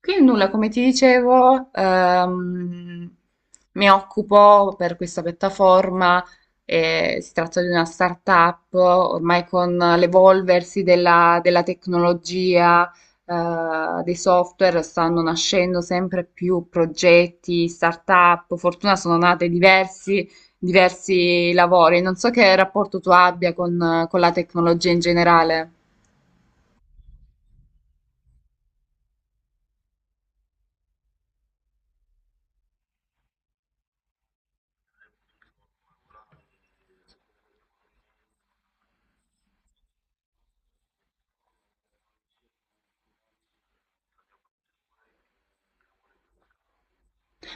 Quindi nulla, come ti dicevo, mi occupo per questa piattaforma, si tratta di una startup. Ormai con l'evolversi della tecnologia, dei software, stanno nascendo sempre più progetti, startup, fortuna sono nate diversi lavori. Non so che rapporto tu abbia con la tecnologia in generale.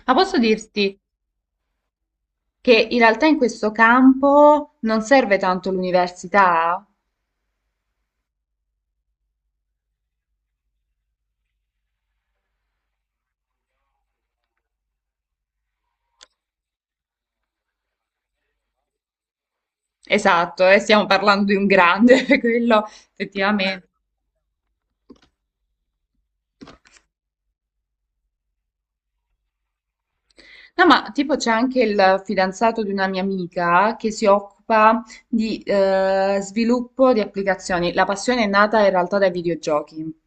Ma posso dirti che in realtà in questo campo non serve tanto l'università. Esatto, stiamo parlando di un grande, quello effettivamente. No, ma tipo c'è anche il fidanzato di una mia amica che si occupa di sviluppo di applicazioni. La passione è nata in realtà dai videogiochi.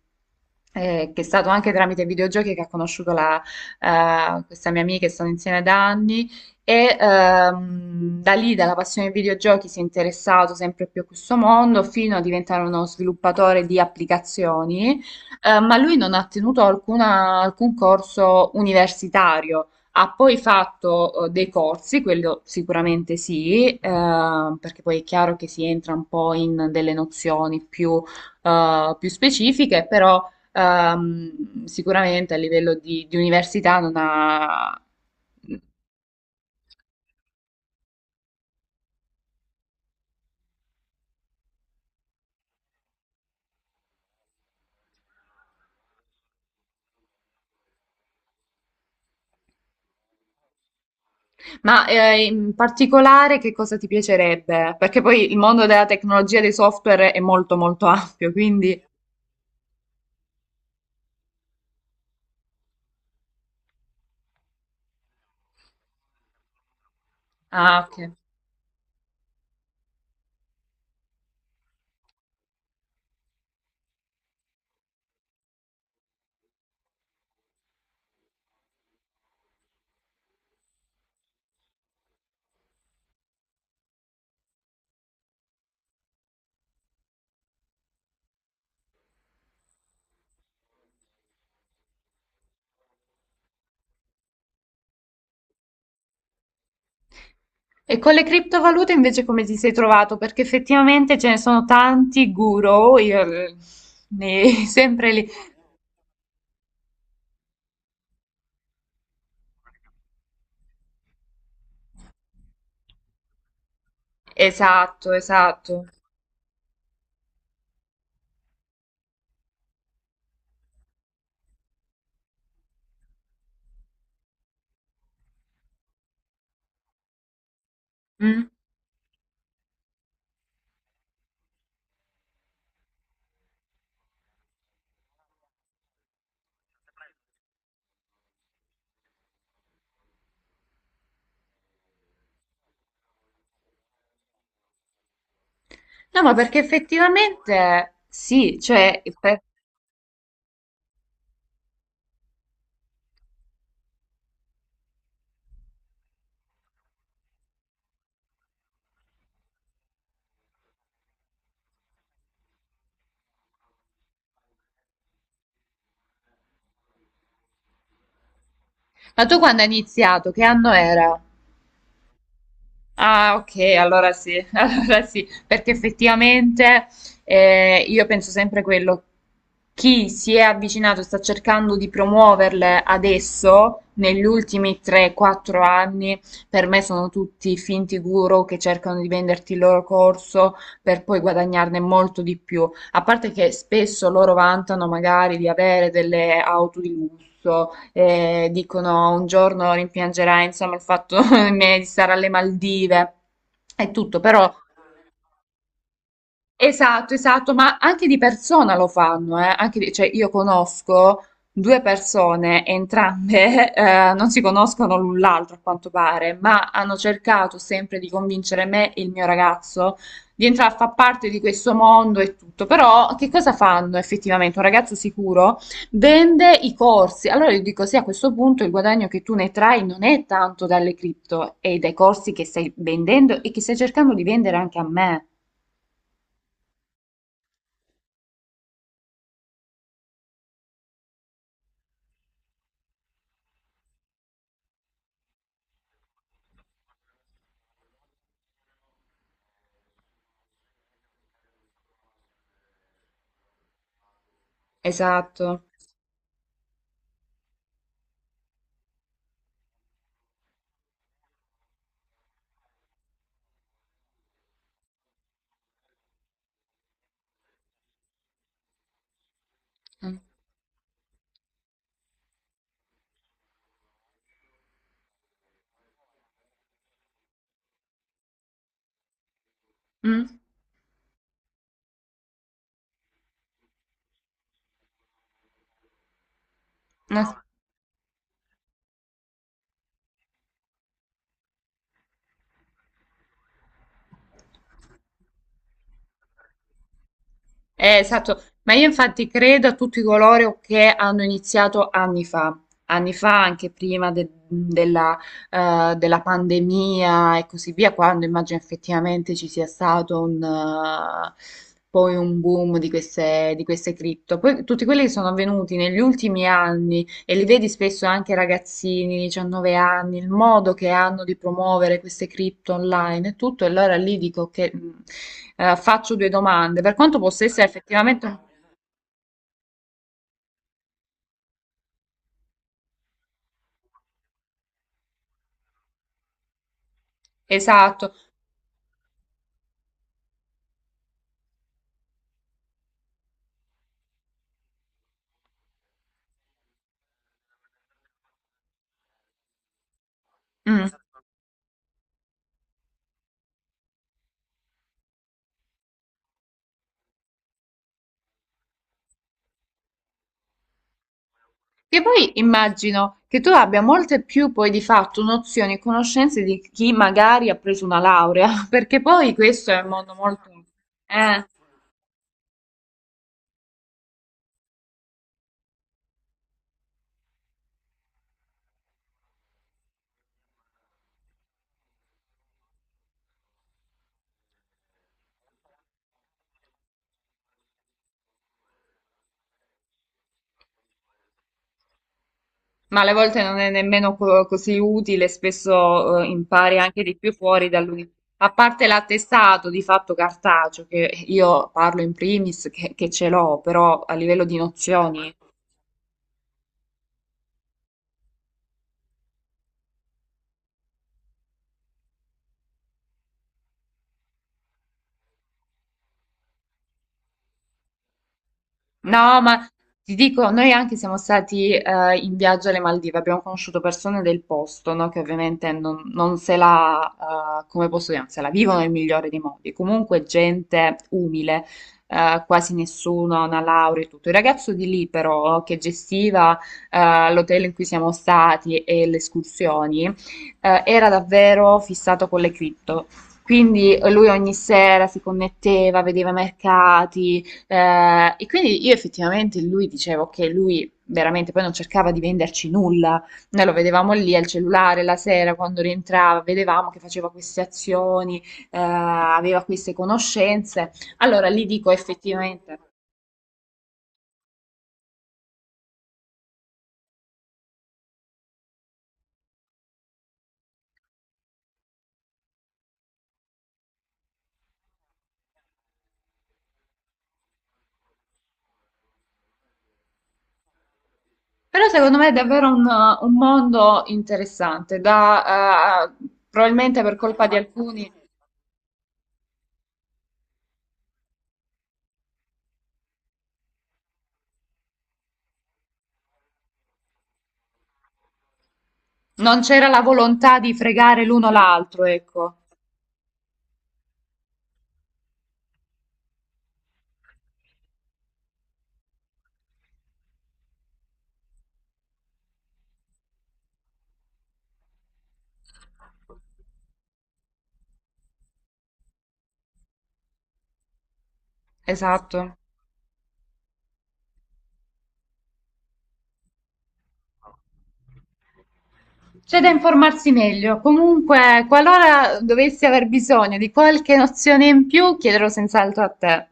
Che è stato anche tramite i videogiochi che ha conosciuto questa mia amica, che stanno insieme da anni, e da lì, dalla passione ai videogiochi, si è interessato sempre più a questo mondo fino a diventare uno sviluppatore di applicazioni. Ma lui non ha tenuto alcun corso universitario. Ha poi fatto dei corsi, quello sicuramente sì, perché poi è chiaro che si entra un po' in delle nozioni più, più specifiche. Però sicuramente a livello di università non ha... Ma in particolare che cosa ti piacerebbe? Perché poi il mondo della tecnologia e dei software è molto molto ampio, quindi... Ah, ok. E con le criptovalute invece come ti sei trovato? Perché effettivamente ce ne sono tanti guru, oh, ne sempre lì. Esatto, esatto. Mm. No, ma perché effettivamente sì, cioè, ma tu quando hai iniziato, che anno era? Ah, ok, allora sì, allora sì, perché effettivamente io penso sempre quello, chi si è avvicinato e sta cercando di promuoverle adesso, negli ultimi 3-4 anni, per me sono tutti finti guru che cercano di venderti il loro corso per poi guadagnarne molto di più. A parte che spesso loro vantano magari di avere delle auto di lusso, dicono un giorno rimpiangerai, insomma, il fatto di stare alle Maldive e tutto, però esatto, esatto. Ma anche di persona lo fanno, cioè io conosco due persone, entrambe non si conoscono l'un l'altro a quanto pare, ma hanno cercato sempre di convincere me e il mio ragazzo di entrare a far parte di questo mondo e tutto. Però che cosa fanno effettivamente? Un ragazzo sicuro vende i corsi. Allora io dico, sì, a questo punto il guadagno che tu ne trai non è tanto dalle cripto, è dai corsi che stai vendendo e che stai cercando di vendere anche a me. Esatto. Mm. Mm. No. Esatto, ma io infatti credo a tutti coloro che hanno iniziato anni fa, anni fa, anche della, della pandemia e così via, quando immagino effettivamente ci sia stato un, poi un boom di di queste cripto. Poi tutti quelli che sono avvenuti negli ultimi anni e li vedi spesso anche ragazzini, 19 anni, il modo che hanno di promuovere queste cripto online e tutto, e allora lì dico che faccio due domande, per quanto possa essere effettivamente esatto. Mm. Che poi immagino che tu abbia molte più poi di fatto nozioni e conoscenze di chi magari ha preso una laurea, perché poi questo è un mondo molto... Eh. Ma alle volte non è nemmeno così utile, spesso impari anche di più fuori dall'università. A parte l'attestato di fatto cartaceo, che io parlo in primis, che ce l'ho, però a livello di nozioni no, ma ti dico, noi anche siamo stati in viaggio alle Maldive, abbiamo conosciuto persone del posto, no, che ovviamente non se la, come posso dire, non se la vivono nel migliore dei modi. Comunque gente umile, quasi nessuno ha una laurea e tutto. Il ragazzo di lì però, che gestiva l'hotel in cui siamo stati e le escursioni, era davvero fissato con le cripto. Quindi lui ogni sera si connetteva, vedeva mercati, e quindi io effettivamente lui dicevo che lui veramente poi non cercava di venderci nulla, noi lo vedevamo lì al cellulare la sera quando rientrava, vedevamo che faceva queste azioni, aveva queste conoscenze. Allora lì dico effettivamente, però secondo me è davvero un mondo interessante, da, probabilmente per colpa di alcuni non c'era la volontà di fregare l'uno l'altro, ecco, esatto. C'è da informarsi meglio. Comunque, qualora dovessi aver bisogno di qualche nozione in più, chiederò senz'altro a te.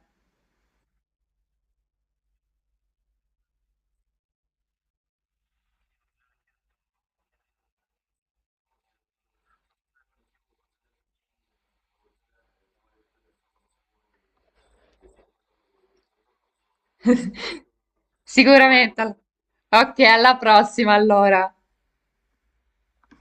Sicuramente. Ok, alla prossima allora.